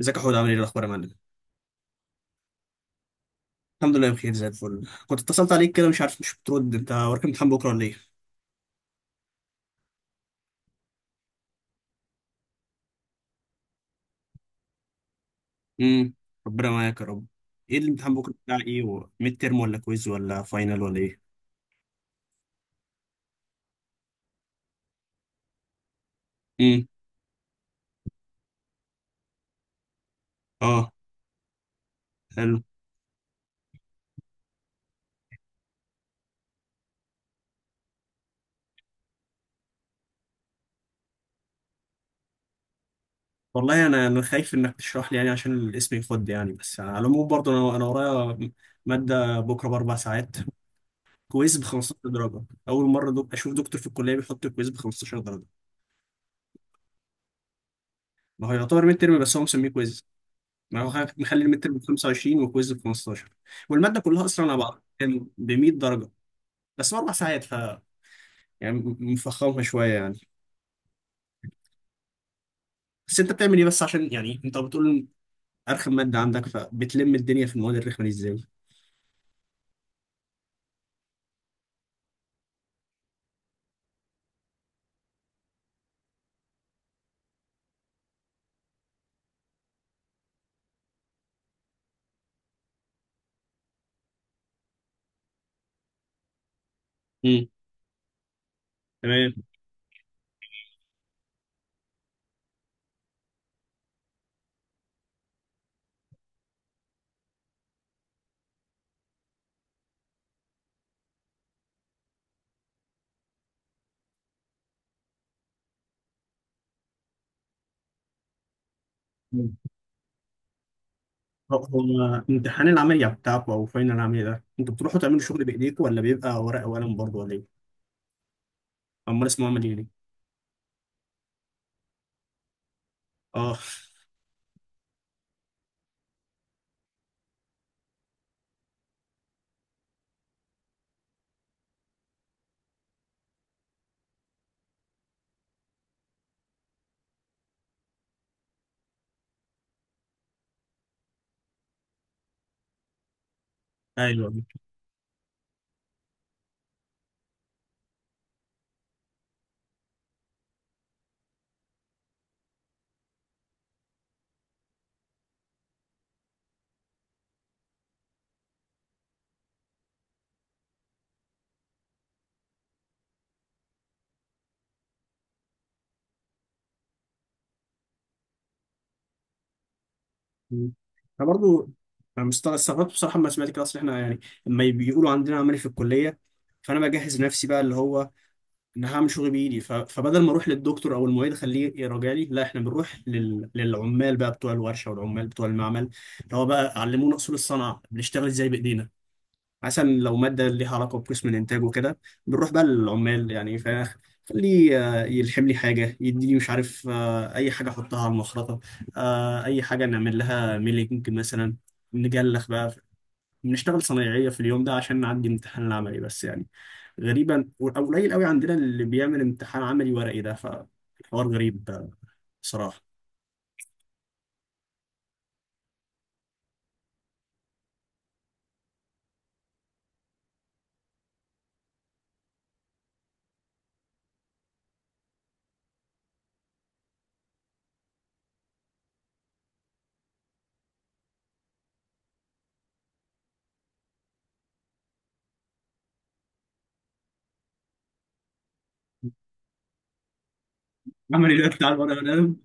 ازيك يا حود؟ عامل ايه؟ إيه الاخبار يا معلم؟ الحمد لله بخير، زي الفل. كنت اتصلت عليك كده، مش عارف مش بترد. انت وراك امتحان بكره ولا ايه؟ امم ربنا معاك يا رب. ايه الامتحان بكره؟ بتاع ايه؟ ميد ترم ولا كويز ولا فاينل ولا ايه؟ امم اه، حلو. والله انا خايف انك تشرح لي، يعني عشان الاسم يخد يعني. بس على العموم برضه انا ورايا ماده بكره باربع ساعات، كويز ب 15 درجه. اول مره اشوف دكتور في الكليه بيحط الكويز ب 15 درجه. ما هو يعتبر ميد ترم، بس هو مسميه كويز. ما هو مخلي الميد ترم ب 25 والكويز ب 15، والماده كلها اصلا على بعض كان ب 100 درجه. بس هو اربع ساعات، ف يعني مفخمها شويه يعني. بس انت بتعمل ايه، بس عشان يعني انت بتقول ارخم ماده عندك، فبتلم الدنيا في المواد الرخمه دي ازاي؟ مم. تمام. مم. هو امتحان العملية بتاعكم أو فاينل العملية ده أنتوا بتروحوا تعملوا شغل بإيديكم، ولا بيبقى ورقة وقلم برضه، ولا إيه؟ أمال اسمه عملي ليه؟ آه. أيوه. مم. انا برضو انا استغربت بصراحه لما سمعت كده، اصل احنا يعني لما بيقولوا عندنا عملي في الكليه، فانا بجهز نفسي بقى اللي هو ان هعمل شغل بايدي. فبدل ما اروح للدكتور او المعيد خليه يراجع لي، لا احنا بنروح للعمال بقى بتوع الورشه والعمال بتوع المعمل، اللي هو بقى علمونا اصول الصنعه، بنشتغل ازاي بايدينا. مثلا لو مادة ليها علاقة بقسم الإنتاج وكده، بنروح بقى للعمال، يعني فخليه يلحم لي حاجة، يديني مش عارف أي حاجة أحطها على المخرطة، أي حاجة نعمل لها ميلينج مثلا، نجلخ بقى. بنشتغل صنايعية في اليوم ده عشان نعدي امتحان العملي بس يعني. غريبا أو قليل قوي عندنا اللي بيعمل امتحان عملي ورقي ده، فالحوار غريب بصراحة. العملي ده بتاع الورقة والقلم؟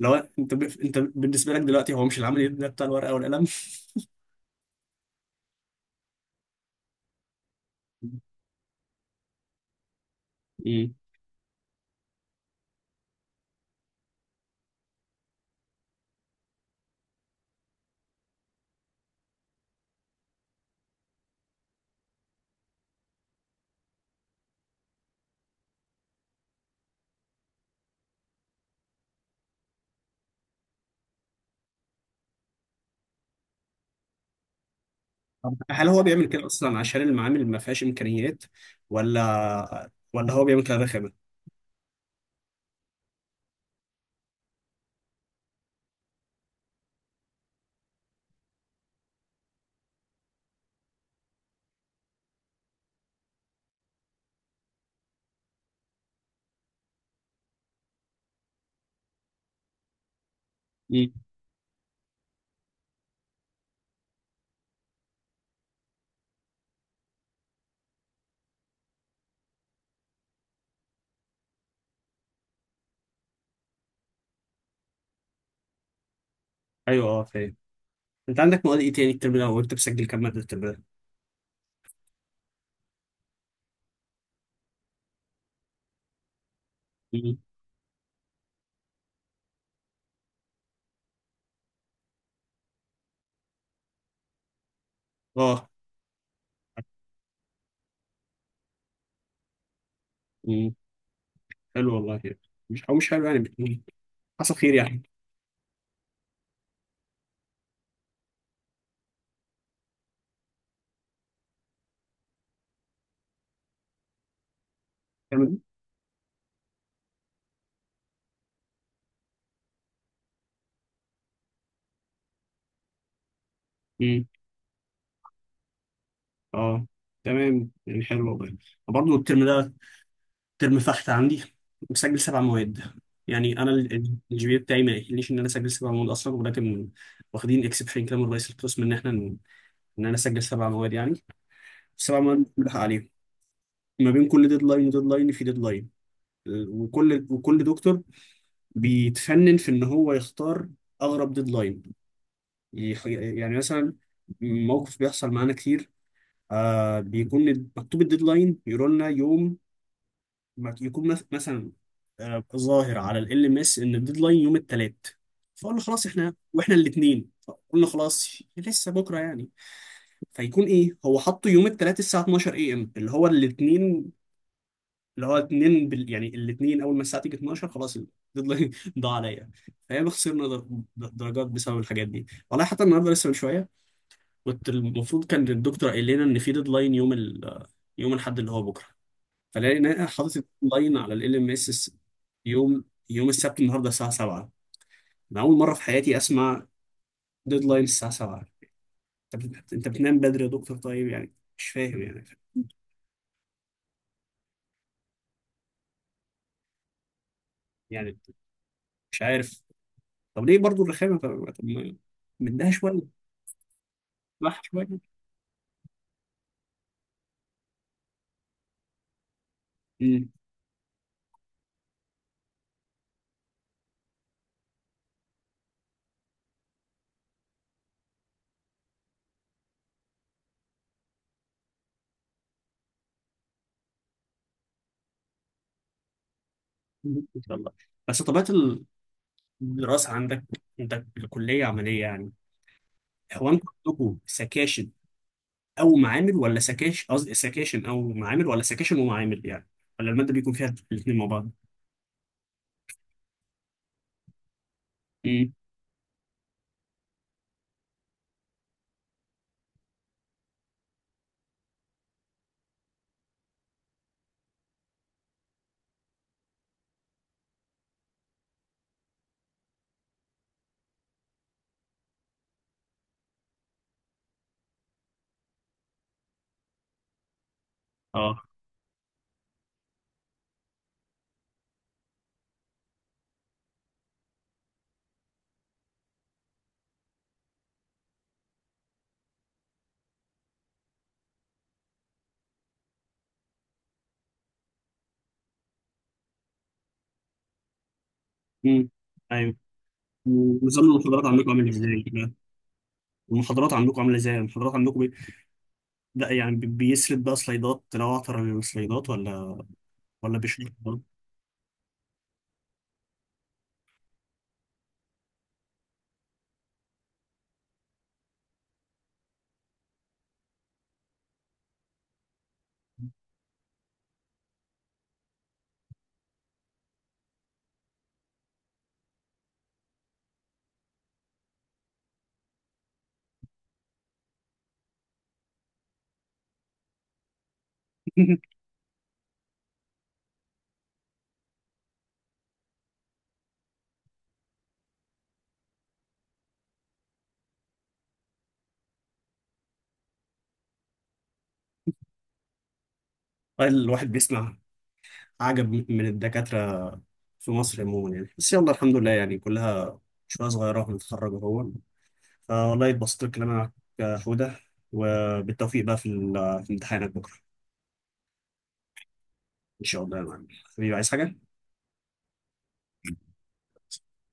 لو انت انت بالنسبة لك دلوقتي هو مش العملي ده بتاع الورقة والقلم. مم. طب هل هو بيعمل كده اصلا عشان المعامل ما فيهاش امكانيات، ولا هو بيعمل كده رخامه؟ مم. ايوه، اه فاهم. انت عندك مواد ايه تاني الترم ده، وانت بتسجل كام ماده الترم ده؟ مم. اه. مم. حلو والله يعني. مش او مش حلو يعني، حصل خير يعني. تمام. مم. اه، تمام يعني، حلو والله. برضه الترم ده ترم فحت عندي، مسجل سبع مواد. يعني انا الجي بي إيه بتاعي ما يخليش ان انا اسجل سبع مواد اصلا، ولكن واخدين اكسبشن كده من رئيس القسم ان احنا ان انا اسجل سبع مواد يعني. بس طبعا ما بنلحق عليهم، ما بين كل ديدلاين وديدلاين في ديدلاين. وكل دكتور بيتفنن في ان هو يختار اغرب ديدلاين. يعني مثلا موقف بيحصل معانا كتير، آه بيكون مكتوب الديدلاين، يقولوا لنا يوم يكون مثلا آه ظاهر على ال ام اس ان الديدلاين يوم الثلاث، فقلنا خلاص احنا، واحنا الاثنين قلنا خلاص لسه بكره يعني. فيكون ايه، هو حطه يوم الثلاث الساعه 12 اي ام اللي هو الاثنين، اللي هو اتنين يعني الاتنين اول ما الساعه تيجي 12 خلاص الديدلاين ضاع عليا. فياما خسرنا درجات بسبب الحاجات دي. والله حتى النهارده لسه من شويه كنت المفروض، كان الدكتور قايل لنا ان في ديدلاين يوم يوم الاحد اللي هو بكره، فلقينا حاطط الديدلاين على ال ام اس يوم السبت النهارده الساعه 7. انا اول مره في حياتي اسمع ديدلاين الساعه 7. انت بتنام بدري يا دكتور طيب يعني، مش فاهم يعني. يعني مش عارف طب ليه برضو الرخامه؟ طب، مديها شويه راح شويه. مم. ان شاء الله. بس طبيعه الدراسه عندك، عندك الكليه عمليه يعني؟ هو انتوا عندكم سكاشن او معامل ولا سكاش، قصدي سكاشن او معامل ولا سكاشن ومعامل يعني، ولا الماده بيكون فيها الاثنين مع بعض؟ امم اه. امم ايوه. ونظام المحاضرات عندكم عامل ازاي بقى؟ المحاضرات عندكم عامله ازاي؟ المحاضرات عندكم ده يعني بيسرد بقى سلايدات، لو اعتبر السلايدات، ولا ولا بيشرح برضه؟ الواحد بيسمع عجب من الدكاترة في مصر عموما يعني. بس يلا الحمد لله يعني، كلها شوية صغيرة ونتخرج أهو. فوالله اتبسطت بالكلام معاك يا حودة، وبالتوفيق بقى في في امتحانك بكرة. إن شاء الله يا معلم. حبيبي عايز حاجة؟